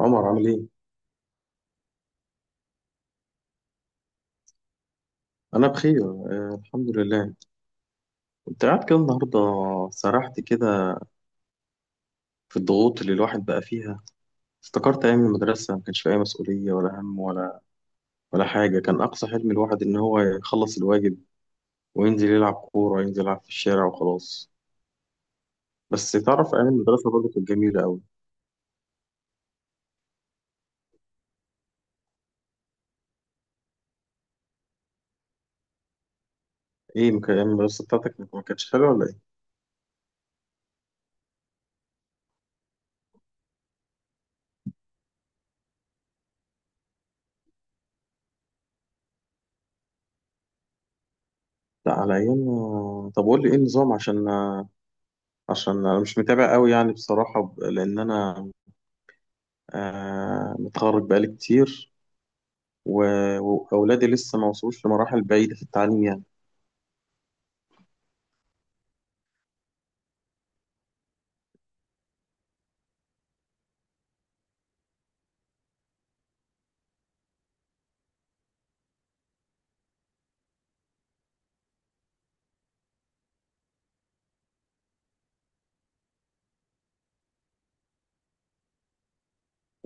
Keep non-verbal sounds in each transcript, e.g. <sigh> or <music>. عمر عامل ايه؟ أنا بخير، الحمد لله. كنت قاعد كده النهاردة، سرحت كده في الضغوط اللي الواحد بقى فيها. افتكرت أيام المدرسة ما كانش فيها أي مسؤولية ولا هم ولا حاجة. كان أقصى حلم الواحد إن هو يخلص الواجب وينزل يلعب كورة، ينزل يلعب في الشارع وخلاص. بس تعرف أيام المدرسة برضه كانت جميلة أوي. إيه، أيام المدرسة بتاعتك ما كانتش حلوة ولا إيه؟ لا، على أيامنا. طب قول لي إيه النظام، عشان عشان أنا مش متابع أوي يعني، بصراحة لأن أنا متخرج بقالي كتير. و- وأولادي لسه ما وصلوش لمراحل بعيدة في التعليم يعني.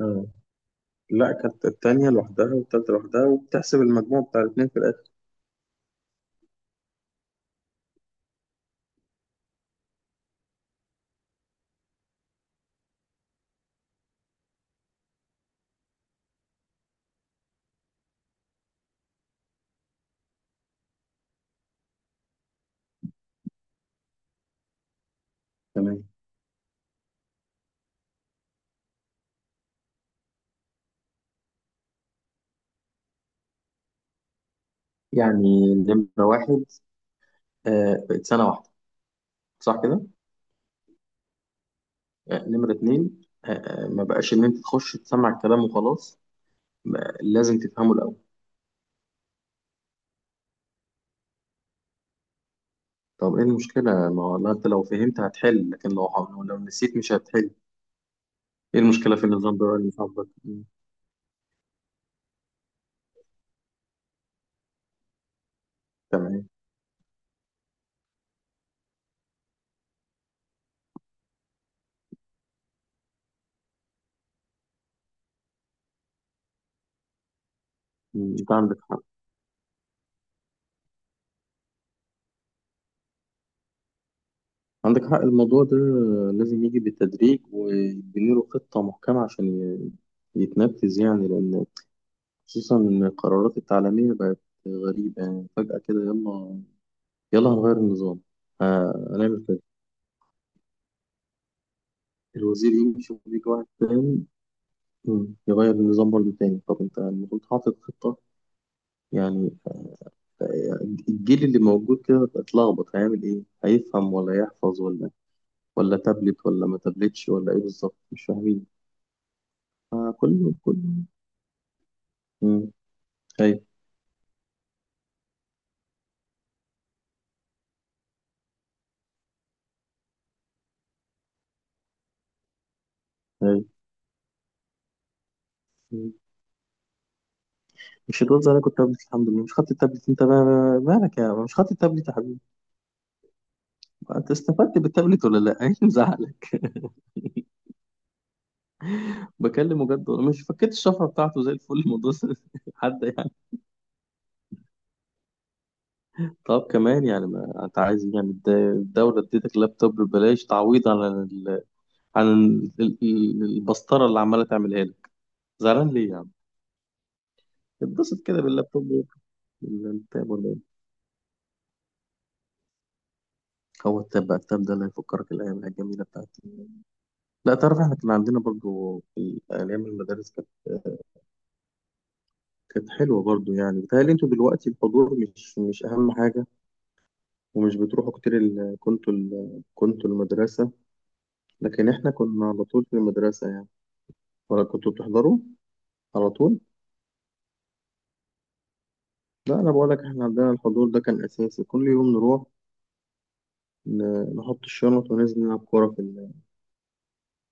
اه، لا كانت التانية لوحدها والتالتة لوحدها، وبتحسب المجموع بتاع الاتنين في الآخر. تمام. يعني نمرة واحد، بقت سنة واحدة، صح كده؟ آه. نمرة اتنين، ما بقاش إن أنت تخش تسمع الكلام وخلاص، لازم تفهمه الأول. طب إيه المشكلة؟ ما هو لا، أنت لو فهمت هتحل، لكن لو نسيت مش هتحل. إيه المشكلة في النظام ده اللي صاحبك؟ مم. تمام. أنت عندك حق. عندك حق، الموضوع ده لازم يجي بالتدريج ويبني له خطة محكمة عشان يتنفذ يعني، لأن خصوصا إن القرارات التعليمية بقت غريبة يعني. فجأة كده، يلا يلا هنغير النظام، ه- هنعمل كده. الوزير يمشي ويجي واحد تاني، يغير النظام برضه تاني. طب أنت المفروض حاطط خطة يعني. الجيل اللي موجود كده اتلخبط، هيعمل إيه؟ هيفهم ولا يحفظ، ولا تابلت ولا ما تابلتش، ولا إيه بالظبط؟ مش فاهمين. فكله كله كله. ايوه. ايوه، مش هتقول زي انا كنت تابلت الحمد لله مش خدت التابلت انت بقى؟ مالك يا عم، مش خدت التابلت يا حبيبي؟ انت استفدت بالتابلت ولا لا؟ <laughs> ايه اللي مزعلك؟ بكلمه جد والله، مش فكيت الشفره بتاعته زي الفل الموضوع؟ <laughs> حد يعني. طب كمان يعني، ما انت عايز إيه يعني؟ الدوله اديتك لابتوب ببلاش، تعويض عن ال... البسطره اللي عماله تعملها لك. زعلان ليه يا عم؟ اتبسط كده باللابتوب. ولا التاب ولا إيه؟ هو التاب بقى، التاب ده اللي هيفكرك الايام الجميله بتاعتي؟ لا تعرف، احنا كان عندنا برضو في ايام المدارس كانت حلوه برضو يعني. بيتهيألي انتوا دلوقتي الحضور مش اهم حاجه، ومش بتروحوا كتير كنتوا المدرسه، لكن احنا كنا على طول في المدرسه يعني. ولا كنتوا بتحضروا على طول؟ لا، انا بقول لك احنا عندنا الحضور ده كان اساسي، كل يوم نروح ن... نحط الشنط وننزل نلعب كوره في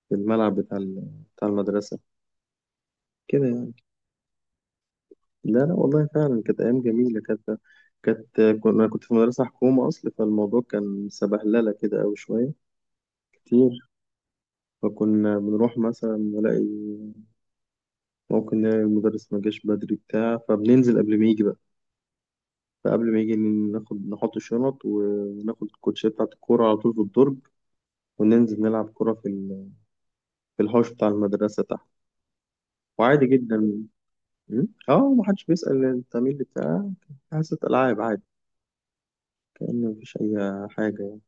في الملعب بتاع المدرسه، كده يعني. لا لا والله، فعلا كانت أيام جميلة. كانت كانت كنا كنت في مدرسة حكومة أصل، فالموضوع كان سبهللة كده أوي، شوية كتير. فكنا بنروح مثلا ممكن نلاقي المدرس ما جاش بدري بتاع، فبننزل قبل ما يجي بقى. فقبل ما يجي نحط الشنط وناخد الكوتشيه بتاعة الكورة على طول في الدرج، وننزل نلعب كورة في في الحوش بتاع المدرسة تحت، وعادي جدا. اه، محدش بيسأل انت مين اللي بتاع حصة ألعاب؟ عادي، كأن مفيش أي حاجة.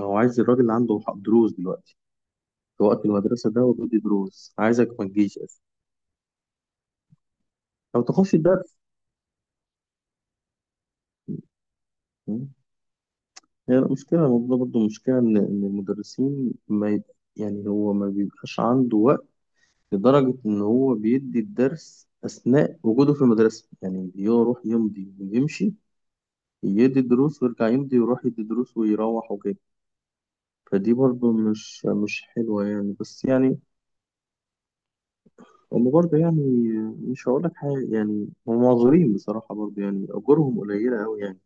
هو عايز الراجل اللي عنده دروس دلوقتي في وقت المدرسة ده، هو بيدي دروس، عايزك ما تجيش أصلا أو تخش الدرس. م? هي المشكلة. الموضوع برضه مشكلة إن المدرسين ما يب... يعني هو ما بيبقاش عنده وقت، لدرجة إن هو بيدي الدرس أثناء وجوده في المدرسة يعني. بيروح يمضي ويمشي، يدي الدروس ويرجع يمضي ويروح يدي دروس ويروح وكده. فدي برضه مش حلوة يعني. بس يعني هم برضه يعني، مش هقول لك حاجة يعني، هم معذورين بصراحة برضه يعني، أجورهم قليلة أوي يعني.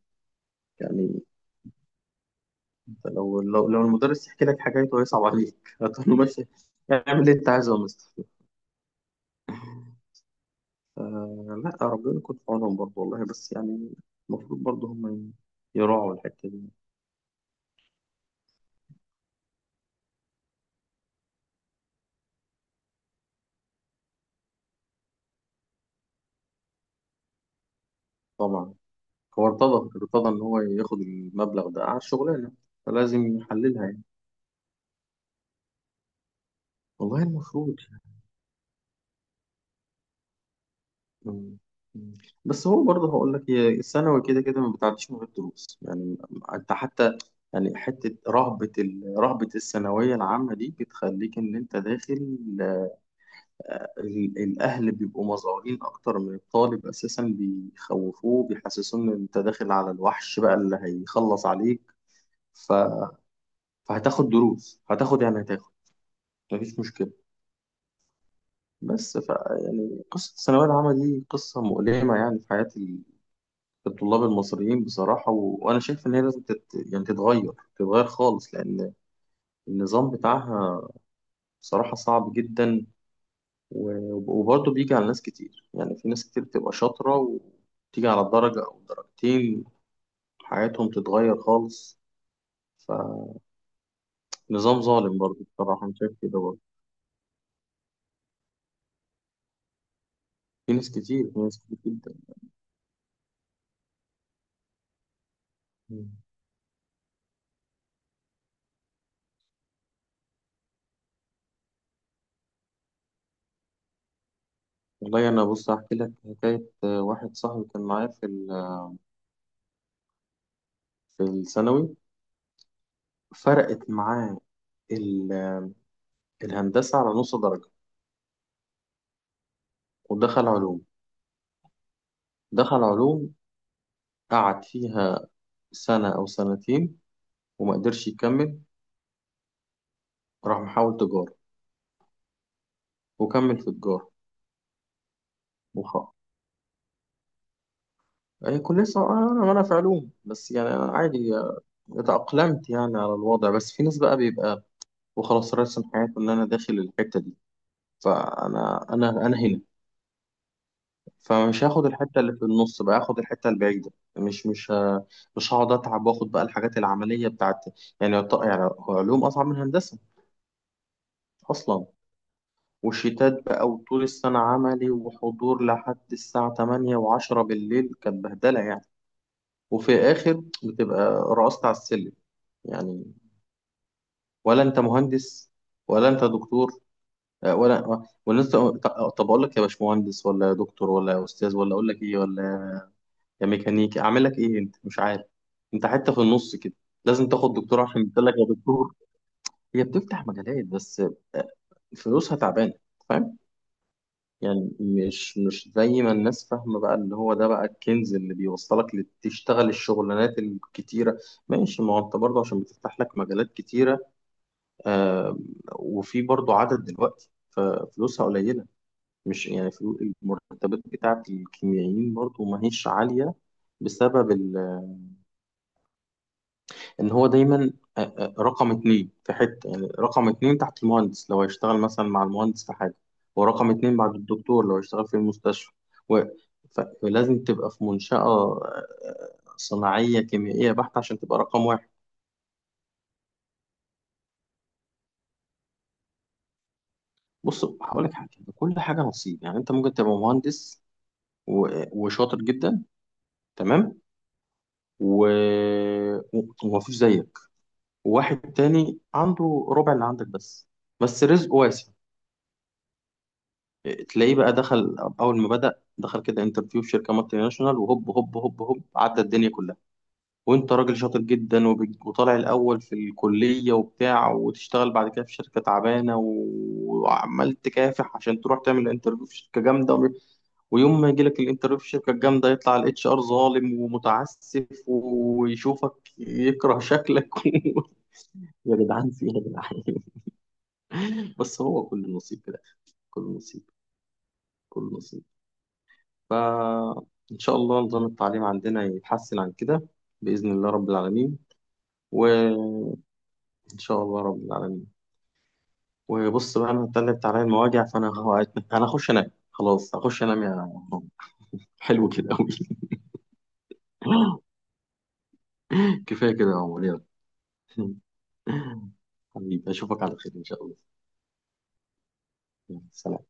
يعني أنت لو المدرس يحكي لك حكايته هيصعب عليك. <laughs> هتقول له ماشي، اعمل اللي أنت عايزه يا مستر. لا، ربنا يكون في عونهم برضه والله، بس يعني المفروض برضه هم يراعوا الحتة دي. طبعا. هو ارتضى، إن هو ياخد المبلغ ده على الشغلانة، فلازم يحللها يعني. والله المفروض. مم. مم. بس هو برضه هقول لك، هي الثانوي كده كده ما بتعديش من غير دروس يعني. انت حتى يعني، حته رهبه رهبه الثانويه العامه دي، بتخليك ان انت الاهل بيبقوا مزعورين اكتر من الطالب اساسا، بيخوفوه، بيحسسوه ان انت داخل على الوحش بقى اللي هيخلص عليك. ف... فهتاخد دروس، هتاخد يعني، هتاخد، مفيش مشكله. بس يعني قصه الثانويه العامه دي قصه مؤلمه يعني، في حياه الطلاب المصريين بصراحة. وأنا شايف إن هي لازم يعني تتغير خالص، لأن النظام بتاعها بصراحة صعب جدا. و... وبرضه بيجي على ناس كتير يعني. في ناس كتير بتبقى شاطرة وتيجي على درجة أو درجتين، حياتهم تتغير خالص. فنظام ظالم برضه، بصراحة أنا شايف كده برضه. في ناس كتير، في ناس كتير جدا. مم. والله أنا بص أحكي لك حكاية، واحد صاحبي كان معايا في في الثانوي، فرقت معاه ال... الهندسة على نص درجة، ودخل علوم. دخل علوم قعد فيها سنة أو سنتين وما قدرش يكمل، راح محاول تجارة وكمل في تجارة. وخ هي كلية صعبة. أنا في علوم بس يعني، أنا عادي اتأقلمت يعني على الوضع، بس في ناس بقى بيبقى وخلاص راسم حياته إن أنا داخل الحتة دي، فأنا أنا أنا هنا، فمش هاخد الحتة اللي في النص بقى، هاخد الحتة البعيدة. مش مش ه- مش هقعد أتعب وآخد بقى الحاجات العملية بتاعت. يعني يعني هو علوم أصعب من هندسة أصلا، وشتات بقى، وطول السنة عملي وحضور لحد الساعة 8:10 بالليل، كانت بهدلة يعني. وفي الآخر بتبقى رقصت على السلم يعني، ولا أنت مهندس ولا أنت دكتور، ولا أنت. طب أقول لك يا باشمهندس ولا يا دكتور ولا يا أستاذ ولا أقول لك إيه، ولا يا ميكانيكي أعمل لك إيه؟ أنت مش عارف، أنت حتى في النص كده. لازم تاخد دكتور عشان يقول لك يا دكتور. هي بتفتح مجالات بس آه، فلوسها تعبانة. فاهم؟ يعني مش زي ما الناس فاهمة بقى، اللي هو ده بقى الكنز اللي بيوصلك تشتغل الشغلانات الكتيرة. ماشي، ما هو انت برضه عشان بتفتح لك مجالات كتيرة، آه، وفي برضه عدد دلوقتي ففلوسها قليلة. مش يعني المرتبات بتاعت الكيميائيين برضه ما هيش عالية، بسبب ان هو دايما رقم اتنين في حته يعني. رقم اتنين تحت المهندس لو هيشتغل مثلا مع المهندس في حاجه، ورقم اتنين بعد الدكتور لو هيشتغل في المستشفى. و... فلازم تبقى في منشأة صناعية كيميائية بحتة عشان تبقى رقم واحد. بص هقول لك حاجة، كل حاجة نصيب يعني. انت ممكن تبقى مهندس وشاطر جدا، تمام، و... ومفيش زيك، وواحد تاني عنده ربع اللي عندك بس، بس رزقه واسع. تلاقيه بقى اول ما بدأ دخل كده انترفيو في شركه مالتي ناشونال، وهوب هوب هوب هوب عدى الدنيا كلها. وانت راجل شاطر جدا وطالع الاول في الكليه وبتاع، وتشتغل بعد كده في شركه تعبانه، وعمال تكافح عشان تروح تعمل انترفيو في شركه جامده، ويوم ما يجي لك الانترفيو في الشركه الجامده، يطلع الـ HR ظالم ومتعسف ويشوفك يكره شكلك. <laughs> يا جدعان، في ايه يا جدعان؟ <laughs> بس هو كل نصيب كده، كل نصيب، كل نصيب. فإن شاء الله نظام التعليم عندنا يتحسن عن كده، بإذن الله رب العالمين. وإن شاء الله رب العالمين. وبص بقى، أنا اتقلبت عليا المواجع، أنا هخش أنام خلاص، هخش أنام يا عمر. حلو كده أوي. <laughs> كفاية كده يا عمر، يلا. <laughs> حبيبي أشوفك على خير إن شاء الله. يلا، سلام.